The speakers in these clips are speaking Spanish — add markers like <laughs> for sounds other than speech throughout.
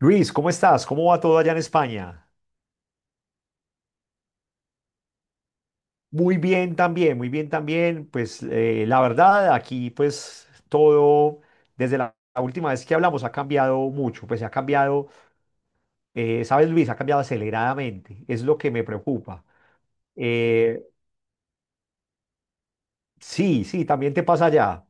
Luis, ¿cómo estás? ¿Cómo va todo allá en España? Muy bien también, muy bien también. Pues la verdad, aquí pues todo, desde la última vez que hablamos, ha cambiado mucho. Pues se ha cambiado, ¿sabes, Luis? Ha cambiado aceleradamente. Es lo que me preocupa. Eh, sí, sí, también te pasa allá.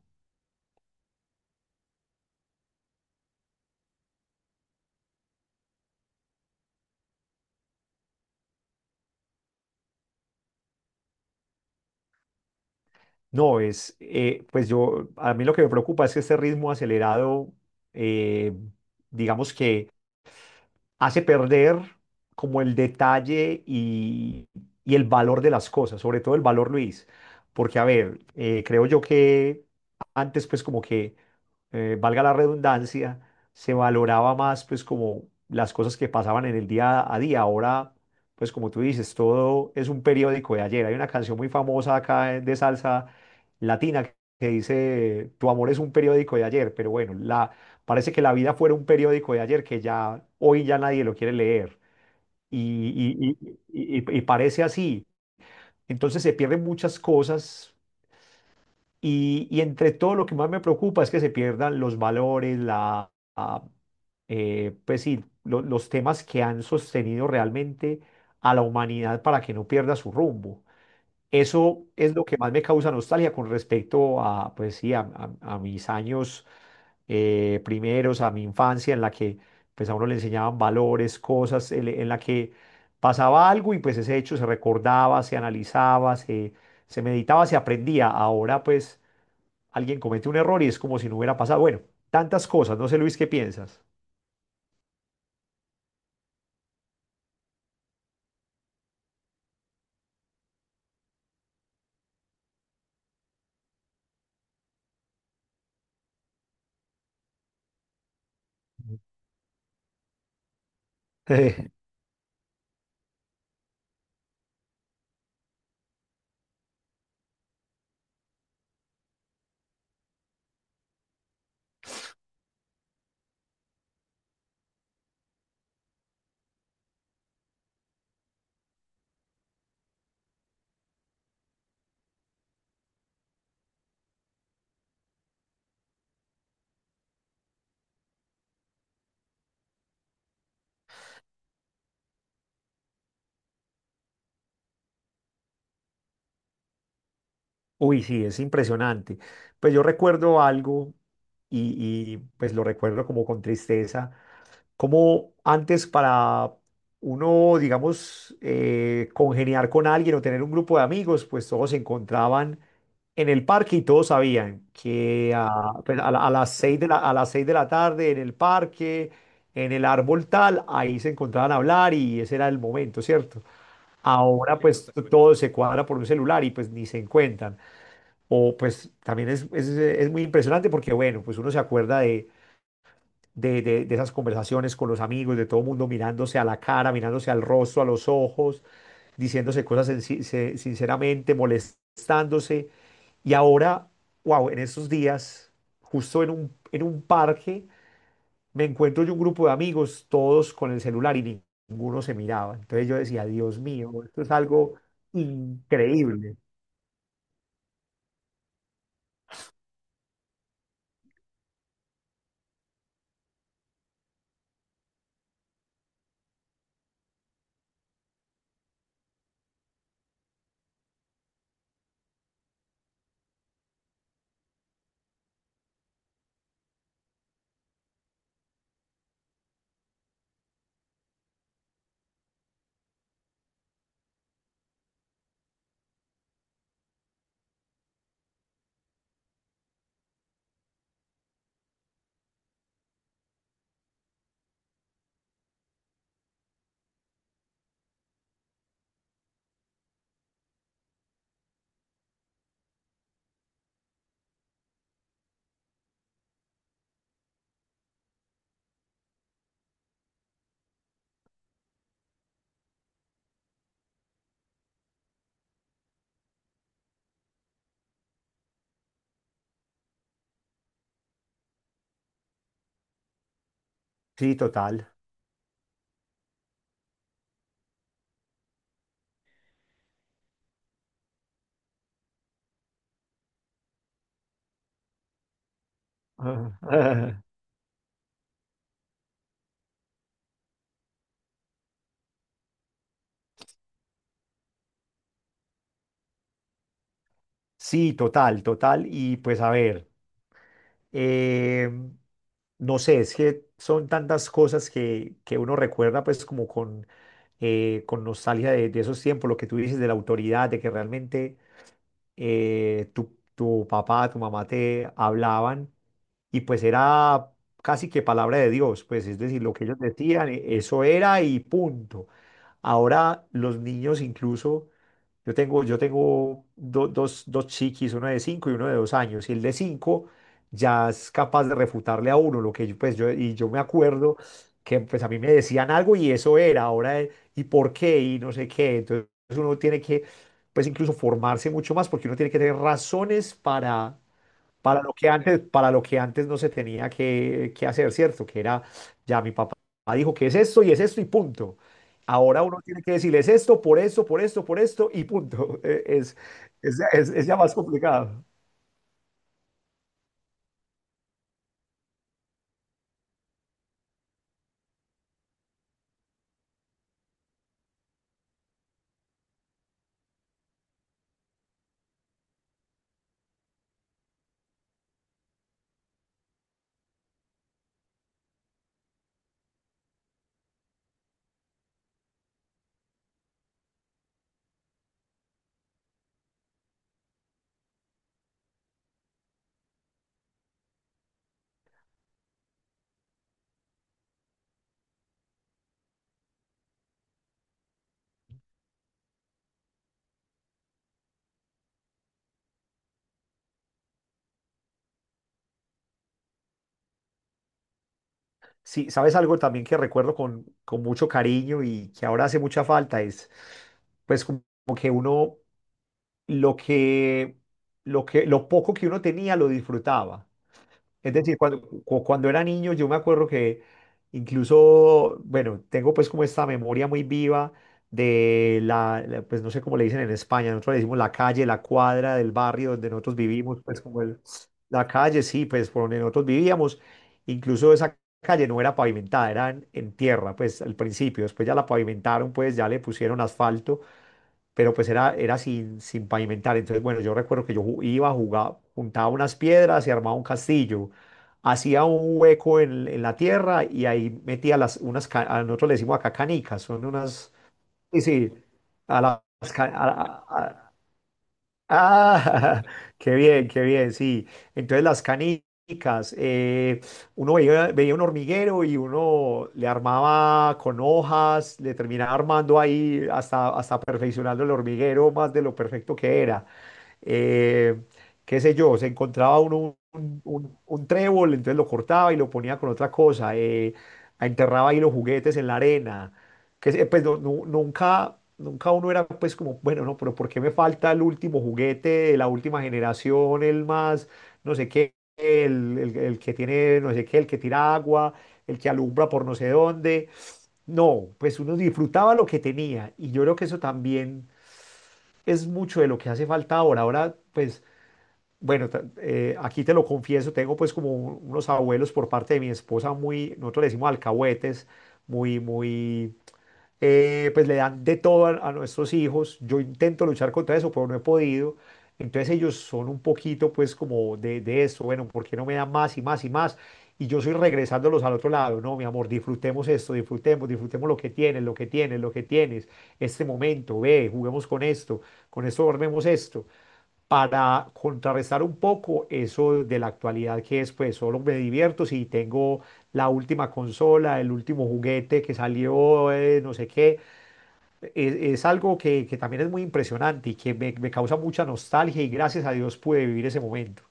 No, pues yo, a mí lo que me preocupa es que este ritmo acelerado, eh, digamos que hace perder como el detalle y el valor de las cosas, sobre todo el valor, Luis, porque a ver, creo yo que antes pues como que, valga la redundancia, se valoraba más pues como las cosas que pasaban en el día a día, ahora pues como tú dices, todo es un periódico de ayer. Hay una canción muy famosa acá de salsa latina que dice, tu amor es un periódico de ayer, pero bueno, la parece que la vida fuera un periódico de ayer que ya hoy ya nadie lo quiere leer y, y- y parece así. Entonces se pierden muchas cosas y entre todo lo que más me preocupa es que se pierdan los valores, la, pues sí, los temas que han sostenido realmente a la humanidad para que no pierda su rumbo. Eso es lo que más me causa nostalgia con respecto a, pues sí, a mis años primeros, a mi infancia en la que pues a uno le enseñaban valores, cosas, en la que pasaba algo y pues ese hecho se recordaba, se analizaba, se meditaba, se aprendía. Ahora pues alguien comete un error y es como si no hubiera pasado. Bueno, tantas cosas, no sé, Luis, ¿qué piensas? <laughs> Eh, Uy, sí, es impresionante. Pues yo recuerdo algo pues lo recuerdo como con tristeza, como antes para uno, digamos, congeniar con alguien o tener un grupo de amigos. Pues todos se encontraban en el parque y todos sabían que a, pues, a las seis de la, a las seis de la tarde en el parque, en el árbol tal, ahí se encontraban a hablar y ese era el momento, ¿cierto? Ahora pues todo se cuadra por un celular y pues ni se encuentran. O pues también es muy impresionante porque bueno, pues uno se acuerda de esas conversaciones con los amigos, de todo mundo mirándose a la cara, mirándose al rostro, a los ojos, diciéndose cosas sinceramente, molestándose. Y ahora, wow, en estos días, justo en un parque me encuentro yo un grupo de amigos, todos con el celular y ninguno se miraba. Entonces yo decía, Dios mío, esto es algo increíble. Sí, total. <laughs> Sí, total, total. Y pues a ver, em, no sé, es que son tantas cosas que uno recuerda pues como con nostalgia de esos tiempos, lo que tú dices de la autoridad, de que realmente tu papá, tu mamá te hablaban y pues era casi que palabra de Dios, pues es decir, lo que ellos decían, eso era y punto. Ahora los niños incluso yo tengo dos chiquis, uno de cinco y uno de 2 años, y el de cinco ya es capaz de refutarle a uno lo que yo, pues yo, y yo me acuerdo que pues a mí me decían algo y eso era. Ahora, ¿y por qué? Y no sé qué. Entonces uno tiene que, pues incluso formarse mucho más, porque uno tiene que tener razones para lo que antes, para lo que antes no se tenía que hacer, ¿cierto? Que era, ya mi papá dijo que es esto y punto. Ahora uno tiene que decirle es esto, por esto, por esto, por esto y punto. <laughs> Es ya más complicado. Sí, ¿sabes algo también que recuerdo con mucho cariño y que ahora hace mucha falta? Es pues como que uno, lo que, lo poco que uno tenía lo disfrutaba. Es decir, cuando era niño yo me acuerdo que incluso, bueno, tengo pues como esta memoria muy viva de pues no sé cómo le dicen en España, nosotros le decimos la calle, la cuadra del barrio donde nosotros vivimos, pues como la calle, sí, pues por donde nosotros vivíamos. Incluso esa calle no era pavimentada, era en tierra, pues al principio, después ya la pavimentaron, pues ya le pusieron asfalto, pero pues era sin pavimentar. Entonces, bueno, yo recuerdo que yo iba a jugar, juntaba unas piedras y armaba un castillo. Hacía un hueco en la tierra y ahí metía a nosotros le decimos acá canicas, son unas, sí, sí, a las, ah, <laughs> qué bien, sí. Entonces las canicas, uno veía un hormiguero y uno le armaba con hojas, le terminaba armando ahí hasta perfeccionando el hormiguero más de lo perfecto que era, eh, qué sé yo, se encontraba uno un trébol, entonces lo cortaba y lo ponía con otra cosa, enterraba ahí los juguetes en la arena, que pues nunca uno era pues como, bueno, no, pero ¿por qué me falta el último juguete de la última generación, el más, no sé qué, el que tiene, no sé qué, el que tira agua, el que alumbra por no sé dónde? No, pues uno disfrutaba lo que tenía y yo creo que eso también es mucho de lo que hace falta ahora. Ahora, pues bueno, aquí te lo confieso, tengo pues como unos abuelos por parte de mi esposa muy, nosotros le decimos alcahuetes, muy, muy, pues le dan de todo a nuestros hijos. Yo intento luchar contra eso, pero no he podido. Entonces ellos son un poquito pues como de eso, bueno, ¿por qué no me dan más y más y más? Y yo soy regresándolos al otro lado, no, mi amor, disfrutemos esto, disfrutemos, disfrutemos lo que tienes, lo que tienes, lo que tienes, este momento, ve, juguemos con esto dormemos esto, para contrarrestar un poco eso de la actualidad que es, pues, solo me divierto si tengo la última consola, el último juguete que salió, no sé qué. Es algo que también es muy impresionante y que me causa mucha nostalgia, y gracias a Dios pude vivir ese momento.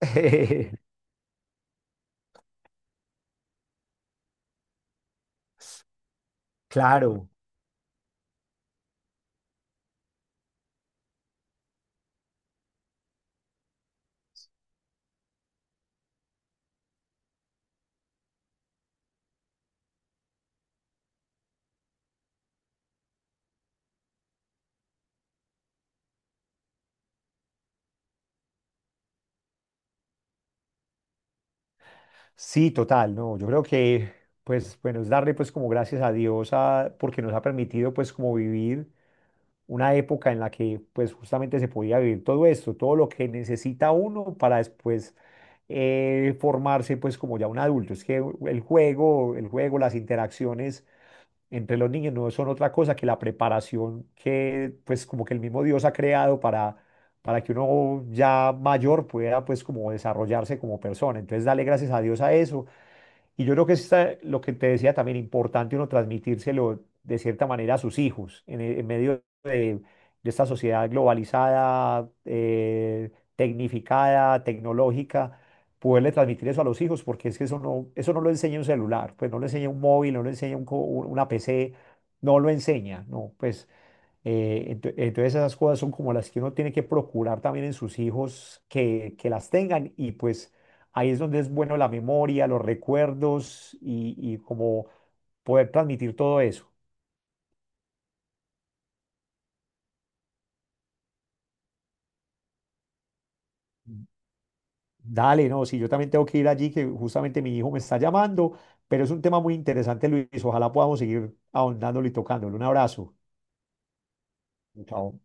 <laughs> Claro, sí, total, no, yo creo que, pues, bueno, es darle, pues, como gracias a Dios, a, porque nos ha permitido, pues, como vivir una época en la que pues justamente se podía vivir todo esto, todo lo que necesita uno para después formarse pues como ya un adulto. Es que el juego, las interacciones entre los niños no son otra cosa que la preparación que pues como que el mismo Dios ha creado para, que uno ya mayor pueda pues como desarrollarse como persona. Entonces dale gracias a Dios a eso, y yo creo que esta, lo que te decía también, importante uno transmitírselo de cierta manera a sus hijos en medio de esta sociedad globalizada, tecnificada, tecnológica, poderle transmitir eso a los hijos, porque es que eso no lo enseña un celular, pues no lo enseña un móvil, no lo enseña un una PC, no lo enseña, no, pues entonces esas cosas son como las que uno tiene que procurar también en sus hijos, que las tengan, y pues ahí es donde es bueno la memoria, los recuerdos y como poder transmitir todo eso. Dale, no, si yo también tengo que ir allí, que justamente mi hijo me está llamando, pero es un tema muy interesante, Luis. Ojalá podamos seguir ahondándolo y tocándolo. Un abrazo. Chao.